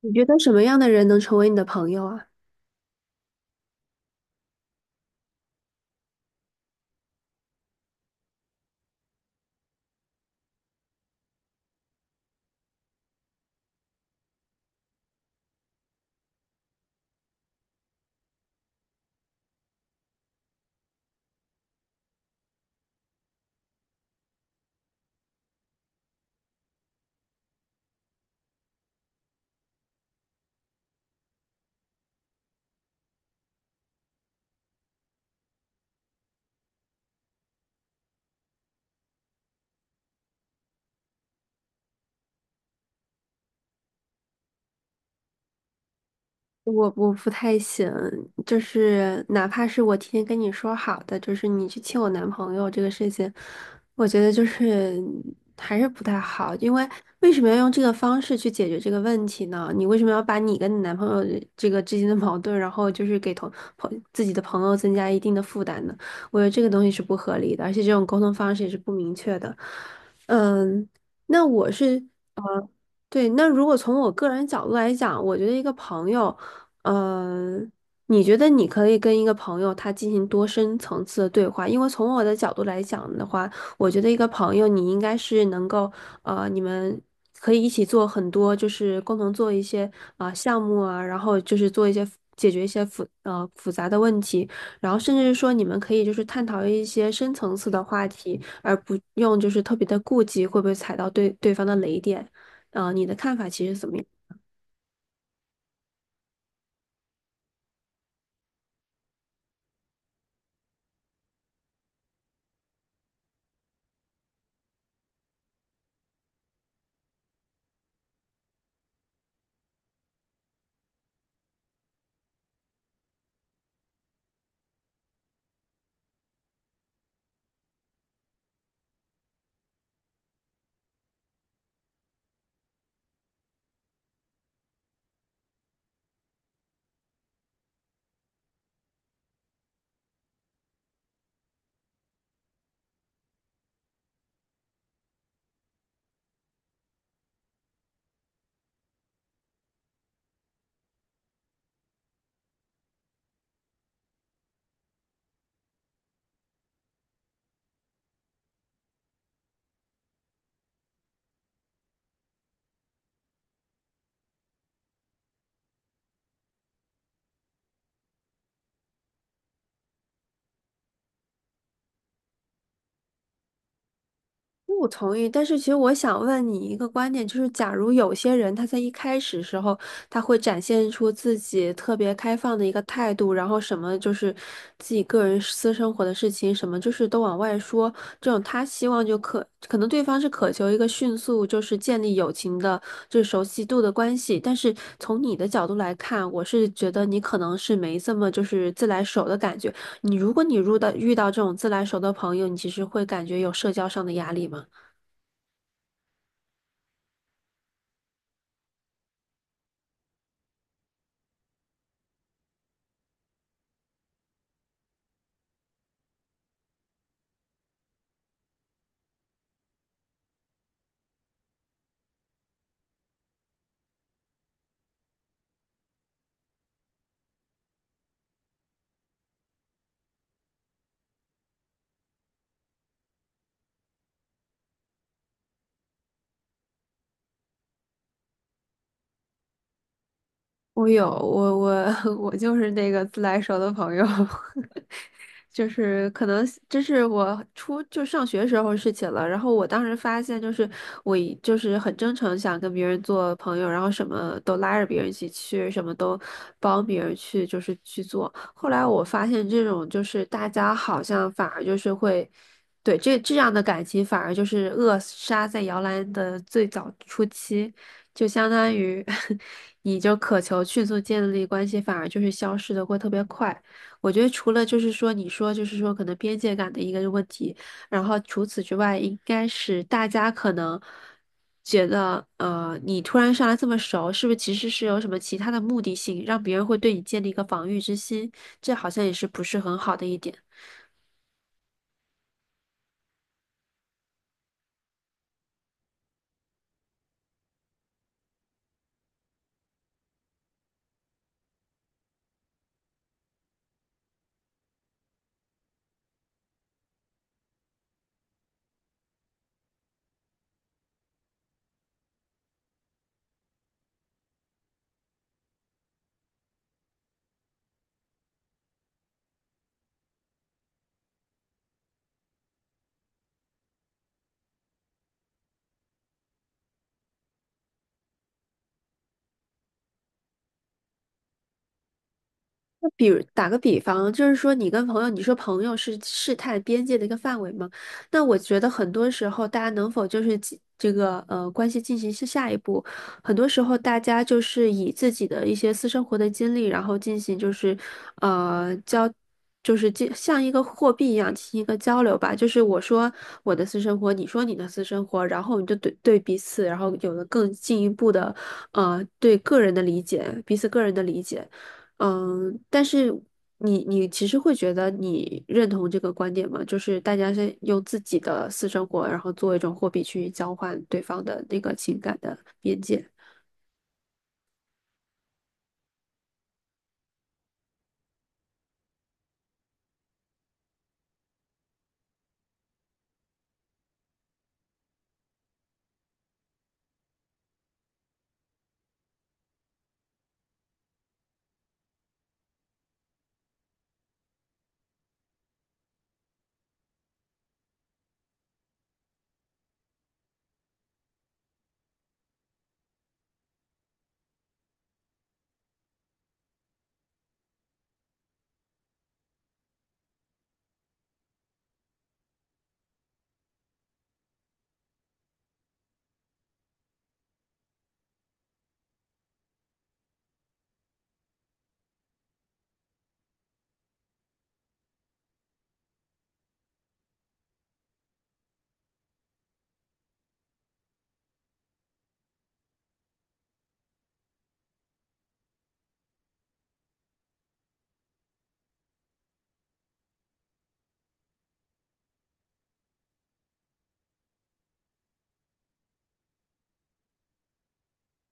你觉得什么样的人能成为你的朋友啊？我不太行，就是哪怕是我提前跟你说好的，就是你去亲我男朋友这个事情，我觉得就是还是不太好，因为为什么要用这个方式去解决这个问题呢？你为什么要把你跟你男朋友的这个之间的矛盾，然后就是给同朋自己的朋友增加一定的负担呢？我觉得这个东西是不合理的，而且这种沟通方式也是不明确的。嗯，那我是呃，对，那如果从我个人角度来讲，我觉得一个朋友。嗯，你觉得你可以跟一个朋友他进行多深层次的对话？因为从我的角度来讲的话，我觉得一个朋友你应该是能够，你们可以一起做很多，就是共同做一些项目啊，然后就是做一些解决一些复杂的问题，然后甚至是说你们可以就是探讨一些深层次的话题，而不用就是特别的顾忌会不会踩到对方的雷点。你的看法其实怎么样？我同意，但是其实我想问你一个观点，就是假如有些人他在一开始时候，他会展现出自己特别开放的一个态度，然后什么就是自己个人私生活的事情，什么就是都往外说，这种他希望就可能对方是渴求一个迅速就是建立友情的，就是熟悉度的关系，但是从你的角度来看，我是觉得你可能是没这么就是自来熟的感觉。你如果你入到遇到这种自来熟的朋友，你其实会感觉有社交上的压力吗？我有 我就是那个自来熟的朋友，就是可能这是我初就上学时候的事情了。然后我当时发现，就是我一就是很真诚想跟别人做朋友，然后什么都拉着别人一起去，什么都帮别人去就是去做。后来我发现这种就是大家好像反而就是会。对，这样的感情反而就是扼杀在摇篮的最早初期。就相当于 你就渴求迅速建立关系，反而就是消失的会特别快。我觉得除了就是说你说就是说可能边界感的一个问题，然后除此之外，应该是大家可能觉得你突然上来这么熟，是不是其实是有什么其他的目的性，让别人会对你建立一个防御之心？这好像也是不是很好的一点。那比如打个比方，就是说你跟朋友，你说朋友是试探边界的一个范围嘛？那我觉得很多时候，大家能否就是进这个关系进行下一步，很多时候大家就是以自己的一些私生活的经历，然后进行就是交。就是进像一个货币一样进行一个交流吧，就是我说我的私生活，你说你的私生活，然后你就对彼此，然后有了更进一步的，对个人的理解，彼此个人的理解。嗯，但是你其实会觉得你认同这个观点吗？就是大家是用自己的私生活，然后作为一种货币去交换对方的那个情感的边界。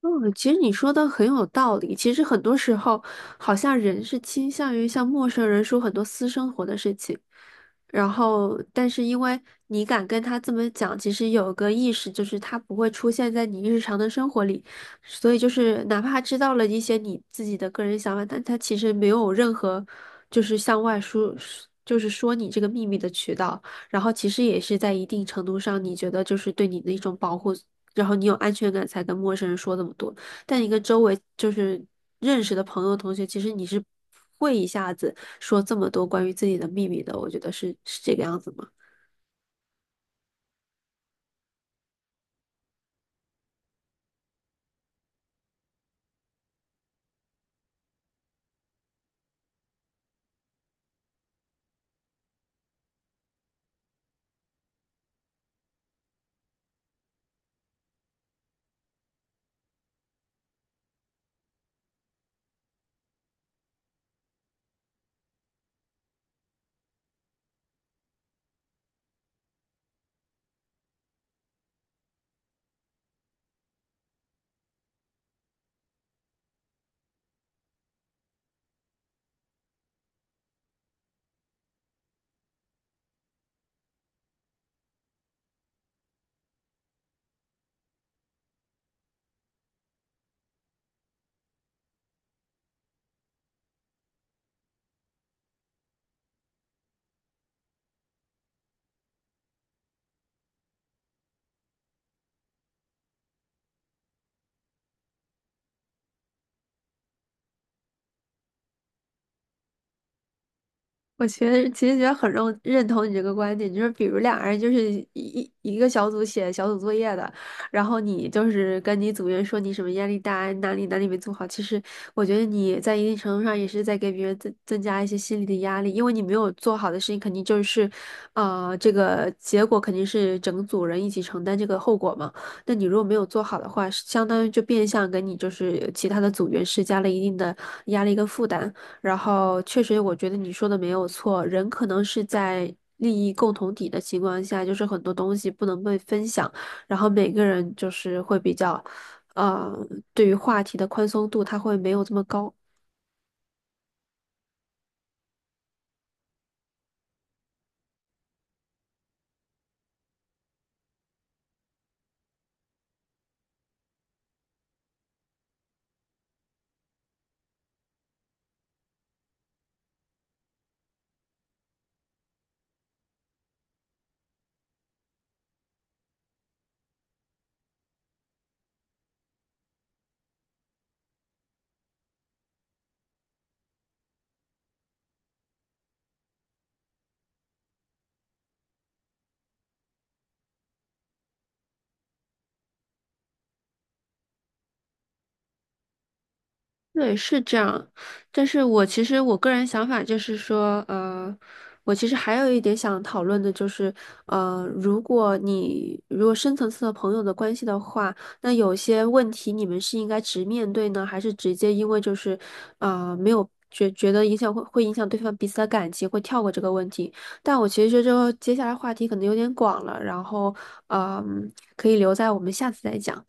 嗯，其实你说的很有道理。其实很多时候，好像人是倾向于向陌生人说很多私生活的事情，然后，但是因为你敢跟他这么讲，其实有个意识，就是他不会出现在你日常的生活里，所以就是哪怕他知道了一些你自己的个人想法，但他其实没有任何就是向外说，就是说你这个秘密的渠道。然后其实也是在一定程度上，你觉得就是对你的一种保护，然后你有安全感才跟陌生人说这么多。但你跟周围就是认识的朋友、同学，其实你是不会一下子说这么多关于自己的秘密的，我觉得是这个样子吗？我觉得其实觉得很认同你这个观点，就是比如两个人就是一个小组写小组作业的，然后你就是跟你组员说你什么压力大，哪里哪里没做好，其实我觉得你在一定程度上也是在给别人增加一些心理的压力，因为你没有做好的事情，肯定就是，啊这个结果肯定是整组人一起承担这个后果嘛。那你如果没有做好的话，相当于就变相给你就是其他的组员施加了一定的压力跟负担。然后确实，我觉得你说的没有错，人可能是在利益共同体的情况下，就是很多东西不能被分享，然后每个人就是会比较，呃，对于话题的宽松度他会没有这么高。对，是这样，但是我其实我个人想法就是说，我其实还有一点想讨论的就是，如果你如果深层次的朋友的关系的话，那有些问题你们是应该直面对呢，还是直接因为就是，没有觉得影响会影响对方彼此的感情，会跳过这个问题？但我其实觉得这个接下来话题可能有点广了，然后，嗯、可以留在我们下次再讲。